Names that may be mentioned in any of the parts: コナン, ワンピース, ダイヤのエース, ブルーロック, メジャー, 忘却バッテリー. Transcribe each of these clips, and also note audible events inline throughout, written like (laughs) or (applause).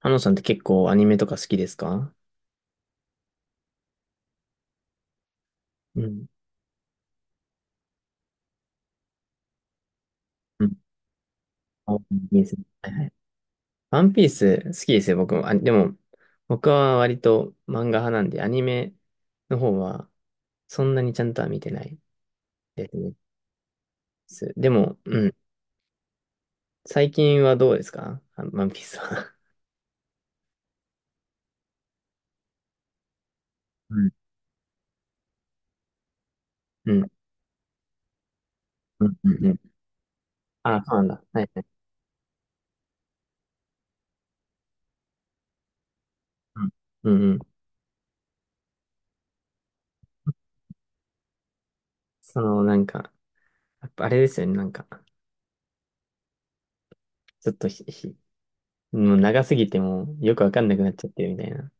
ハノさんって結構アニメとか好きですか？うん。うん。あワンピース。はいはい。ワンピース好きですよ、僕も。あ、でも、僕は割と漫画派なんで、アニメの方はそんなにちゃんとは見てないですね。でも、うん。最近はどうですかあワンピースは？うん。うん。うん。うんうん。あ、そうなんだ。はいはい。うん。うんうん。その、なんか、やっぱあれですよね、なんか、ちょっともう長すぎてもうよくわかんなくなっちゃってるみたいな。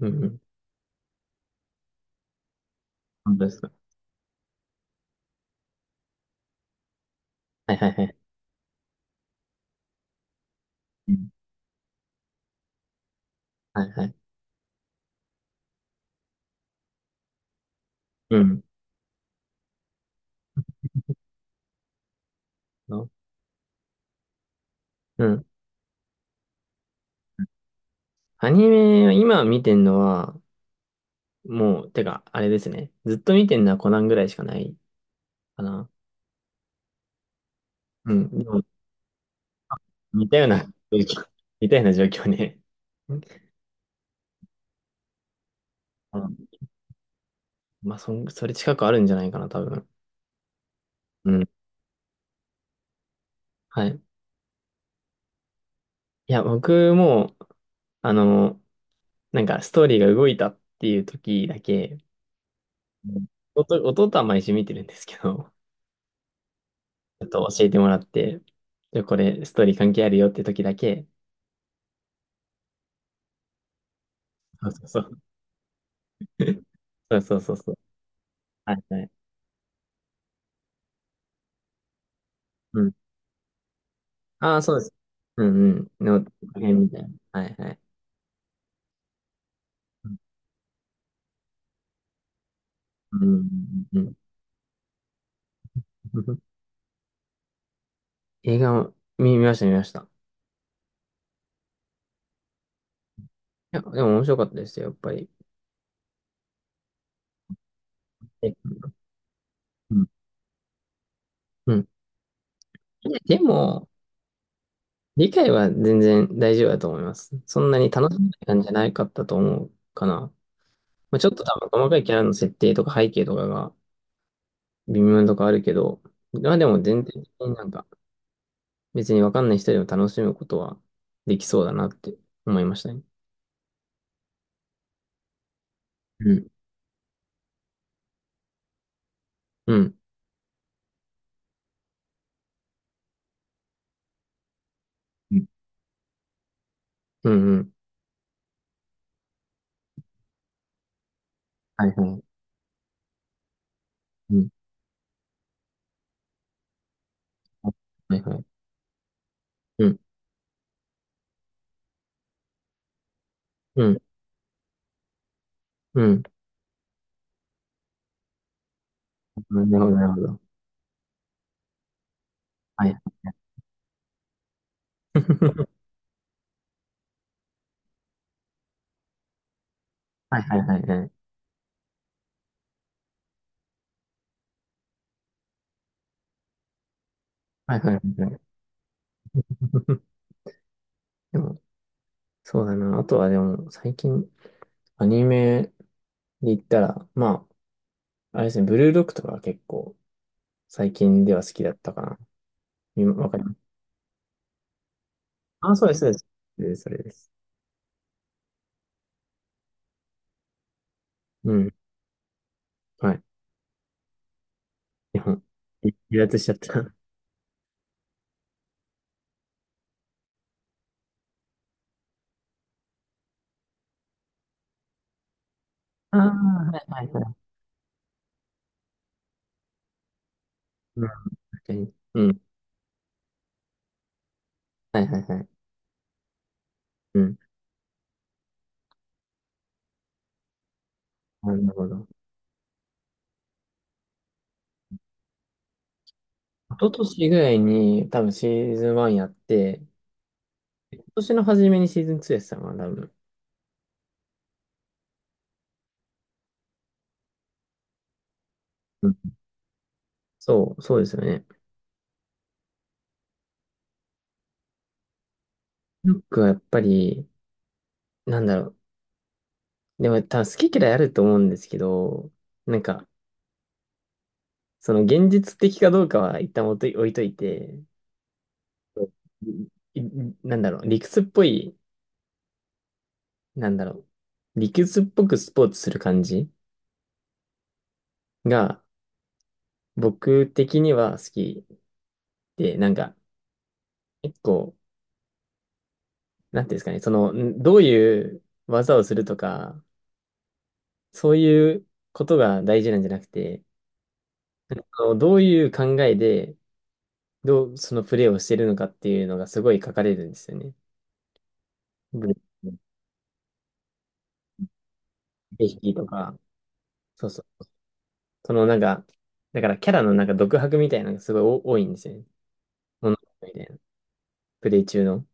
うんうん。本当です。はいはいはい。うん。はいはい。うん。の。うん。アニメは今見てんのは、もう、てか、あれですね。ずっと見てんのはコナンぐらいしかないかな。うん。でも、似たような状況、(laughs) 似たような状況ね。うん。まあ、それ近くあるんじゃないかな、多分。うん。はい。いや、僕も、あの、なんか、ストーリーが動いたっていう時だけ、うん。弟は毎週見てるんですけど、ちょっと教えてもらって、じゃあこれ、ストーリー関係あるよって時だけ。そうそうそう。(laughs) そうそうそうそう。はいはい。うん。ああ、そうです。うんうん。の、辺みたいな。はいはい。うんうんうん。うん。 (laughs) 映画を見ました見ました。いや、でも面白かったですよ、やっぱり。え。うん。うん。いやでも、理解は全然大丈夫だと思います。そんなに楽しめない感じじゃないかったと思うかな。まあ、ちょっと多分細かいキャラの設定とか背景とかが微妙なとこあるけど、まあでも全体的になんか別にわかんない人でも楽しむことはできそうだなって思いましたね。うん。うん。うんうんうん。はいはい。うん。はいはい。うん。うん。うん。なるほど、なるほど。はいはいはいはいはいはい。はいはいはいはい。(laughs) でも、そうだな。あとはでも、最近、アニメで言ったら、まあ、あれですね、ブルーロックとかは結構、最近では好きだったかな。今わかります。あ、そうです、そうです。それです、うん。はい。日本。離脱しちゃった。ああ、はいはいはい。うん、確かに。うん。はいはいはい。うん。なるほど。一昨年ぐらいに多分シーズン1やって、今年の初めにシーズン2やってたのかな、多分。うん。そう、そうですよね。ロックはやっぱり、なんだろう。でも多分好き嫌いあると思うんですけど、なんか、その現実的かどうかは一旦置いといて、そういいなんだろう、理屈っぽい、なんだろう、理屈っぽくスポーツする感じが、僕的には好き。で、なんか、結構、なんていうんですかね、その、どういう技をするとか、そういうことが大事なんじゃなくて、あのどういう考えで、どう、そのプレーをしてるのかっていうのがすごい書かれるんですよね。ブレイキとか、そうそう。そのなんか、だからキャラのなんか独白みたいなのがすごい多いんですよね。物語みたいな。プレイ中の。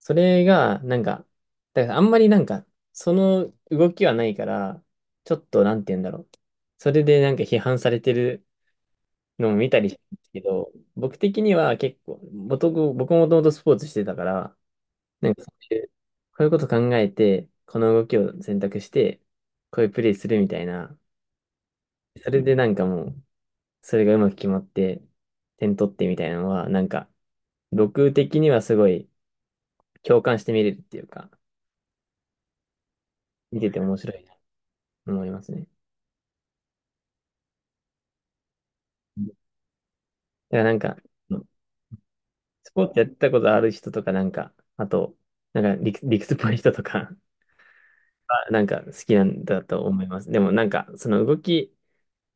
それが、なんか、だからあんまりなんか、その動きはないから、ちょっとなんて言うんだろう。それでなんか批判されてるのも見たりしたんですけど、僕的には結構、僕もともとスポーツしてたから、なんかそういう、こういうこと考えて、この動きを選択して、こういうプレイするみたいな、それでなんかもう、それがうまく決まって、点取ってみたいなのは、なんか、僕的にはすごい共感して見れるっていうか、見てて面白い。思いますね。だからなんか、スポーツやったことある人とか、なんか、あと、なんか理屈っぽい人とかは、なんか好きなんだと思います。でもなんか、その動き、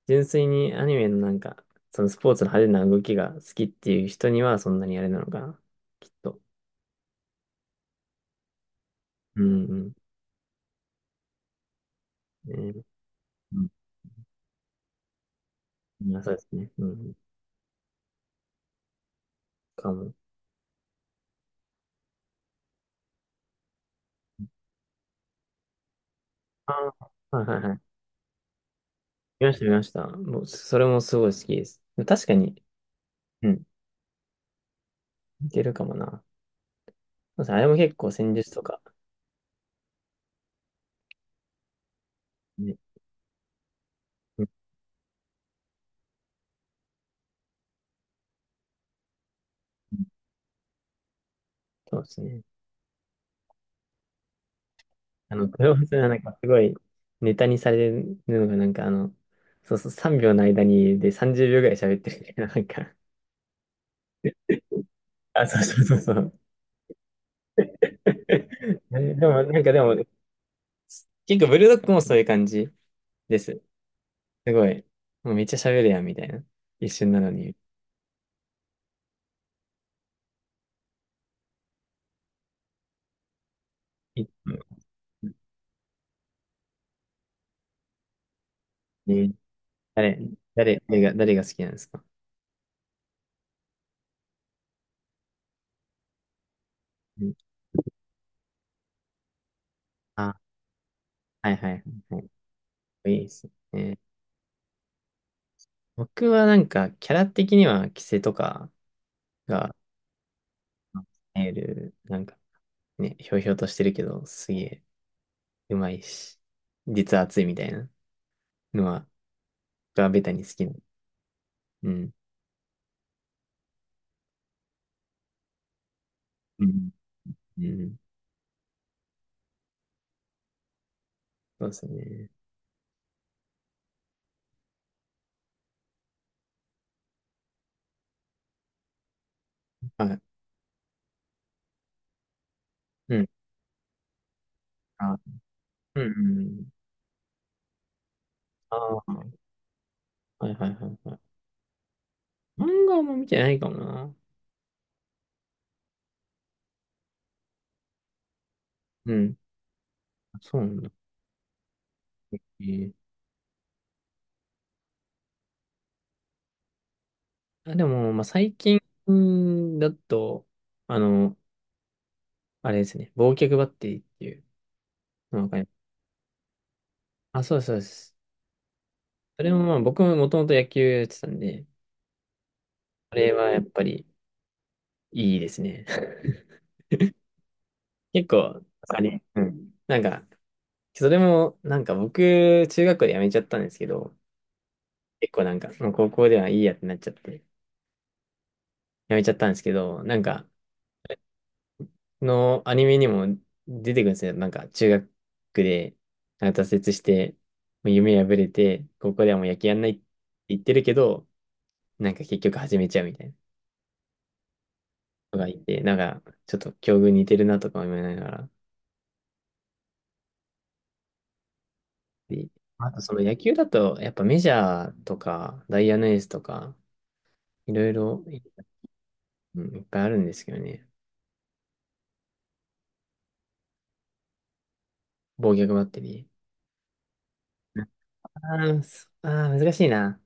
純粋にアニメのなんか、そのスポーツの派手な動きが好きっていう人にはそんなにあれなのかな、きっと。うんうん。ね。うん。まあそうですね。うん。かも。ああ、はいはいはい。見ました、見ました。もう、それもすごい好きです。確かに、うん。似てるかもな。そうですねあれも結構戦術とか、ね。うん。そうですね。あの、豊橋はなんかすごいネタにされるのがなんかあの、そうそう、3秒の間に30秒ぐらい喋ってるみたいな、なんか。あ、そうそうそうそう。(laughs) でも、なんかでも、結構ブルドッグもそういう感じです。すごい。もうめっちゃ喋るやん、みたいな。一瞬なのに。いえー。誰、誰が好きなんですか？うん。あ、はいはいはいはい。いいですね。僕はなんか、キャラ的には、キセとか、エーなんかね、ひょうひょうとしてるけど、すげえうまいし、実は熱いみたいなのは、僕はベタに好きな。うん。うん。うん。そうですね。はい。うん。あ、うん、うん。ああ、はいはいはいはい。漫画はあんま見てないかもな。うん。そうなんだ。えーあ、でも、まあ、最近だと、あの、あれですね、忘却バッテリーっていうのがわかります。あ、そうですそうです。それもまあ、僕ももともと野球やってたんで、あれはやっぱり、いいですね。(laughs) 結構、あれ、うん。なんか、それも、なんか僕、中学校で辞めちゃったんですけど、結構なんか、もう高校ではいいやってなっちゃって、辞めちゃったんですけど、なんか、のアニメにも出てくるんですよ。なんか、中学で、なんか挫折して、もう夢破れて、高校ではもう野球やんないって言ってるけど、なんか結局始めちゃうみたいなのがいて、なんか、ちょっと境遇似てるなとか思いながら、で、あとその野球だと、やっぱメジャーとか、ダイヤのエースとか、いろいろ、うん、いっぱいあるんですけどね。防御バッテリー。あーそあー、難しいな。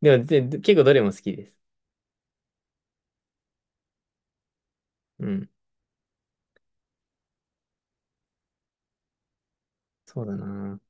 でも、結構どれも好きです。うん。そうだな。